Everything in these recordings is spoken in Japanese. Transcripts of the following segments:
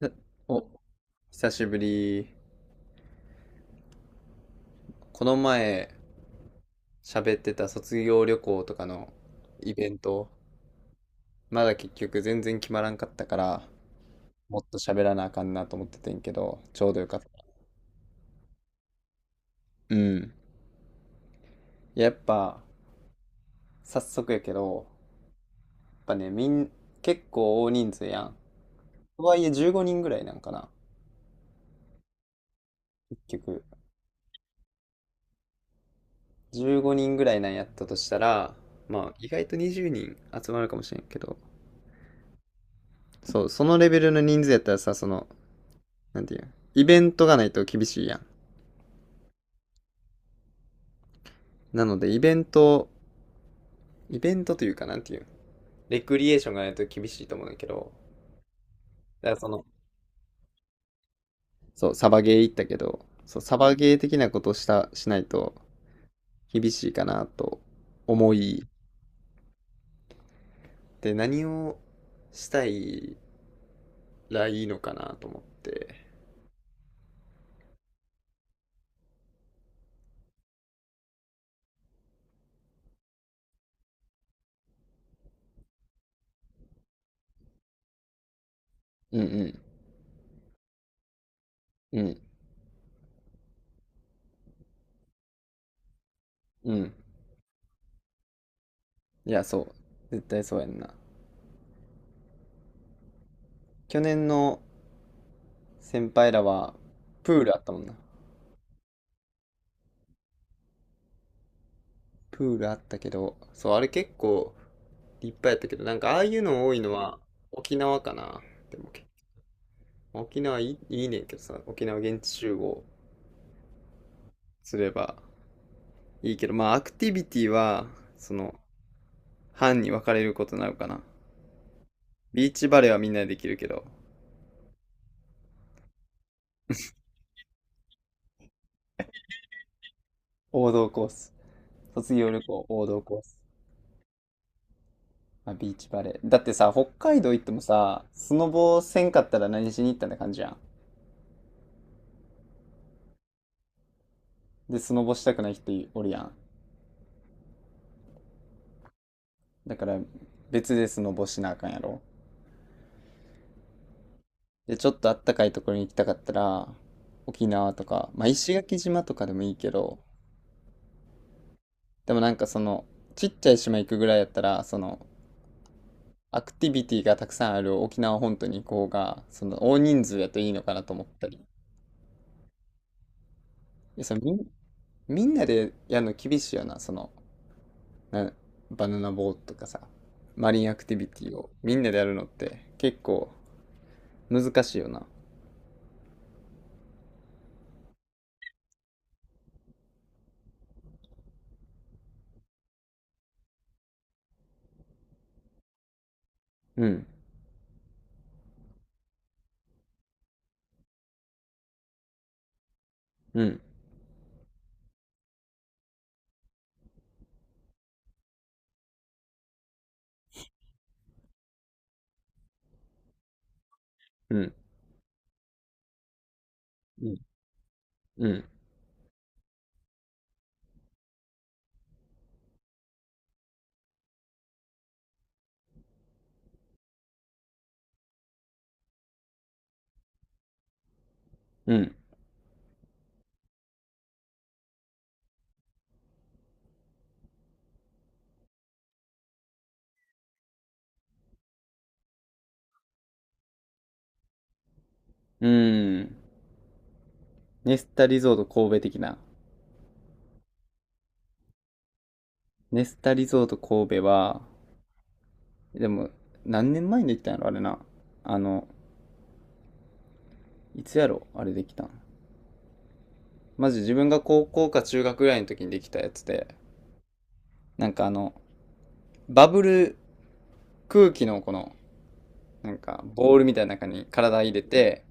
なお、久しぶり。この前喋ってた卒業旅行とかのイベント、まだ結局全然決まらんかったから、もっと喋らなあかんなと思っててんけど、ちょうどよかった。うん。いや、やっぱ、早速やけど、やっぱね、結構大人数やん。とはいえ15人ぐらいなんかな、結局。15人ぐらいなんやったとしたら、まあ、意外と20人集まるかもしれんけど、そう、そのレベルの人数やったらさ、その、なんていうイベントがないと厳しいやん。なので、イベントというか、なんていうレクリエーションがないと厳しいと思うんだけど、だからその、そう、サバゲー行ったけど、そう、サバゲー的なことをしないと厳しいかなと思い、で、何をしたいらいいのかなと思って。うんうん、うん、うん。いや、そう。絶対そうやんな。去年の先輩らは、プールあったもんな。プールあったけど、そう、あれ結構立派やったけど、なんかああいうの多いのは沖縄かな。でも沖縄いい、いいねんけどさ、沖縄現地集合すればいいけど、まあアクティビティは、その、班に分かれることになるかな。ビーチバレーはみんなでできるけど、王道コース。卒業旅行、王道コース。まあ、ビーチバレー。だってさ、北海道行ってもさ、スノボせんかったら何しに行ったんって感じやん。で、スノボしたくない人おるやん。だから別でスノボしなあかんやろ。で、ちょっとあったかいところに行きたかったら、沖縄とか、まあ石垣島とかでもいいけど、でもなんかその、ちっちゃい島行くぐらいやったら、その、アクティビティがたくさんある沖縄本島に行こうが、その大人数やといいのかなと思ったり。で、そのみんなでやるの厳しいよな、その、な、バナナボートとかさ、マリンアクティビティをみんなでやるのって結構難しいよな。うん、うん、うん、うん、うん、うん。うん。ネスタリゾート神戸的な。ネスタリゾート神戸は、でも、何年前にできたんやろ、あれな。あの、いつやろ、あれできたん。マジ自分が高校か中学ぐらいの時にできたやつで、なんかあの、バブル空気のこの、なんか、ボールみたいな中に体入れて、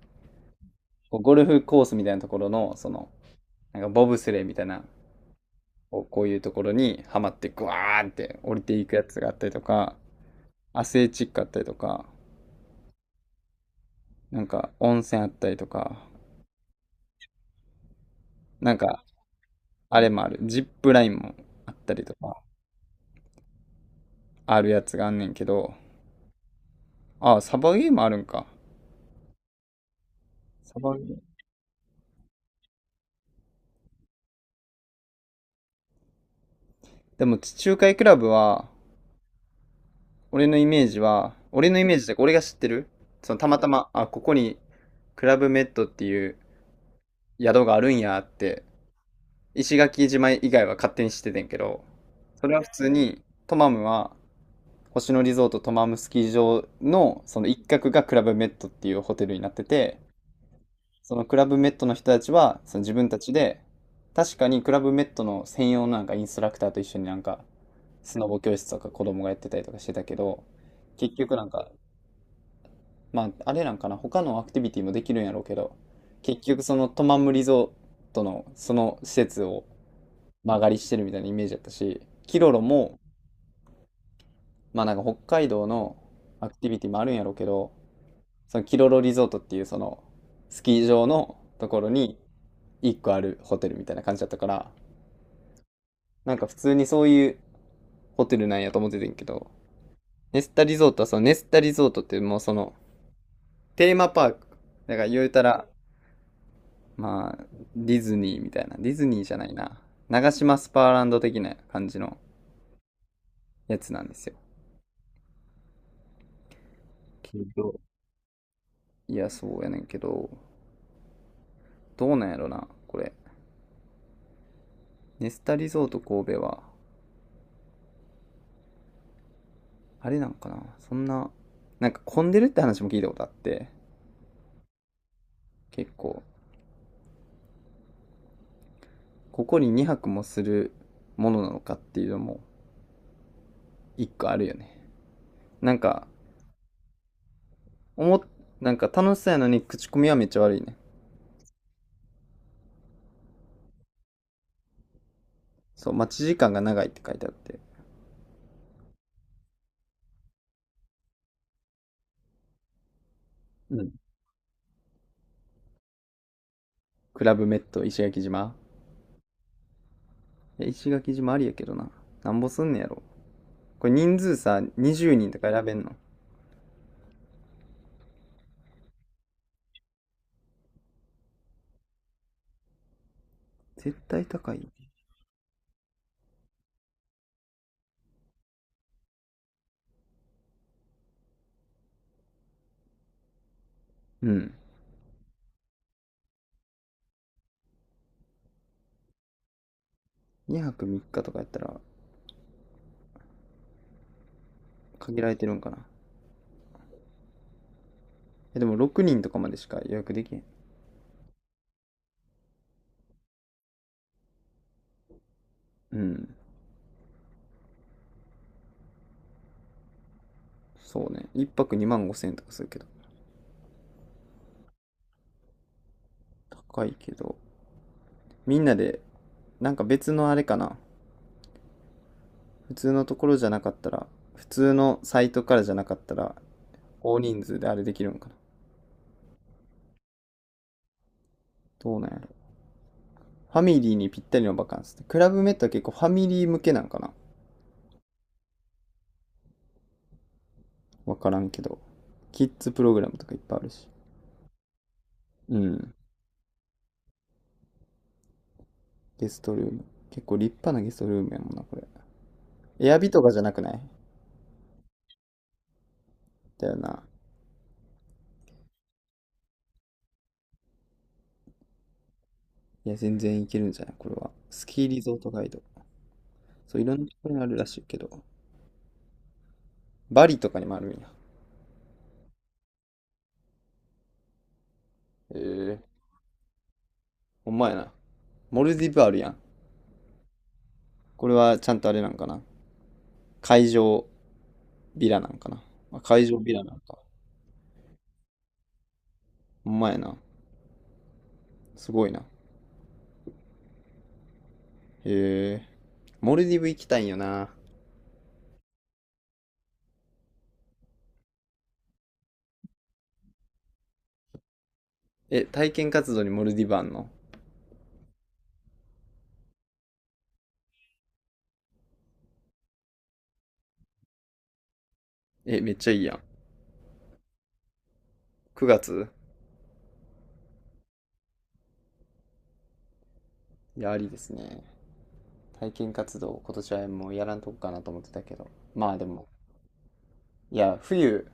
こうゴルフコースみたいなところの、その、なんかボブスレーみたいな、こうこういうところにはまって、グワーンって降りていくやつがあったりとか、アスレチックあったりとか、なんか温泉あったりとか、なんかあれもある、ジップラインもあったりとか、あるやつがあんねんけど、ああ、サバゲーもあるんか。サバゲー。でも地中海クラブは、俺のイメージは、俺のイメージで俺が知ってる、そのたまたま、あ、ここにクラブメッドっていう宿があるんやって、石垣島以外は勝手に知っててんけど、それは普通に、トマムは、星野リゾートトマムスキー場のその一角がクラブメッドっていうホテルになってて、そのクラブメットの人たちは、その自分たちで、確かにクラブメットの専用のなんかインストラクターと一緒になんか、スノボ教室とか子供がやってたりとかしてたけど、結局なんか、まあ、あれなんかな、他のアクティビティもできるんやろうけど、結局そのトマムリゾートのその施設を間借りしてるみたいなイメージだったし、キロロも、まあなんか北海道のアクティビティもあるんやろうけど、そのキロロリゾートっていうそのスキー場のところに一個あるホテルみたいな感じだったから、なんか普通にそういうホテルなんやと思っててんけど、ネスタリゾートはそのネスタリゾートってもうそのテーマパーク。だから言うたら、まあ、ディズニーみたいな。ディズニーじゃないな。長島スパーランド的な感じのやつなんですよ。けど、いや、そうやねんけど、どうなんやろな、これ。ネスタリゾート神戸は、あれなんかな、そんな、なんか混んでるって話も聞いたことあって、結構、ここに2泊もするものなのかっていうのも、一個あるよね。なんか、おもなんか楽しそうやのに口コミはめっちゃ悪いね。そう、待ち時間が長いって書いてあって。うん。クラブメット石垣島いや石垣島ありやけどな。なんぼすんねやろ。これ人数さ、20人とか選べんの？絶対高いうん。2泊3日とかやったら限られてるんかな。え、でも6人とかまでしか予約できへん。うん。そうね。1泊2万5千円とかするけど。高いけど。みんなで、なんか別のあれかな。普通のところじゃなかったら、普通のサイトからじゃなかったら、大人数であれできるんかな。どうなんやろ。ファミリーにぴったりのバカンスって。クラブメットは結構ファミリー向けなんかな。わからんけど。キッズプログラムとかいっぱいあるし。うん。ゲストルーム。結構立派なゲストルームやもんな、これ。エアビとかじゃなくない？だよな。いや、全然いけるんじゃないこれは。スキーリゾートガイド。そう、いろんなところにあるらしいけど。バリとかにもあるんや。ええーほんまやな。モルディブあるやん。これはちゃんとあれなんかな。会場ビラなんかな。あ会場ビラなんか。ほんまやな。すごいな。へえ。モルディブ行きたいんよな。え、体験活動にモルディブあんの？え、めっちゃいいやん。9月いや、ありですね。体験活動、今年はもうやらんとこかなと思ってたけど。まあでも、いや、冬、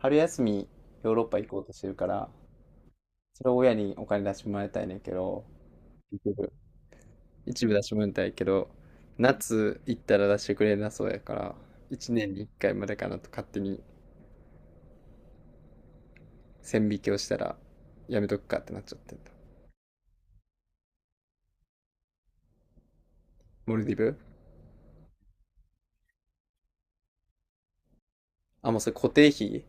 春休み、ヨーロッパ行こうとしてるから、それを親にお金出してもらいたいねんけど、結局一部出してもらいたいけど、夏行ったら出してくれなそうやから、1年に1回までかなと勝手に線引きをしたら、やめとくかってなっちゃってんだモルディブあ、もうそれ固定費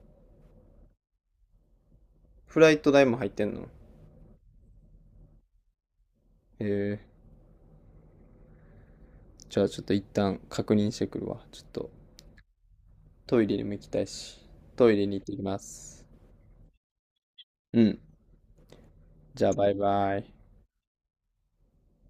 フライト代も入ってんの？へえ。じゃあちょっと一旦確認してくるわ。ちょっとトイレにも行きたいし。トイレに行ってきます。うん。じゃあバイバイ。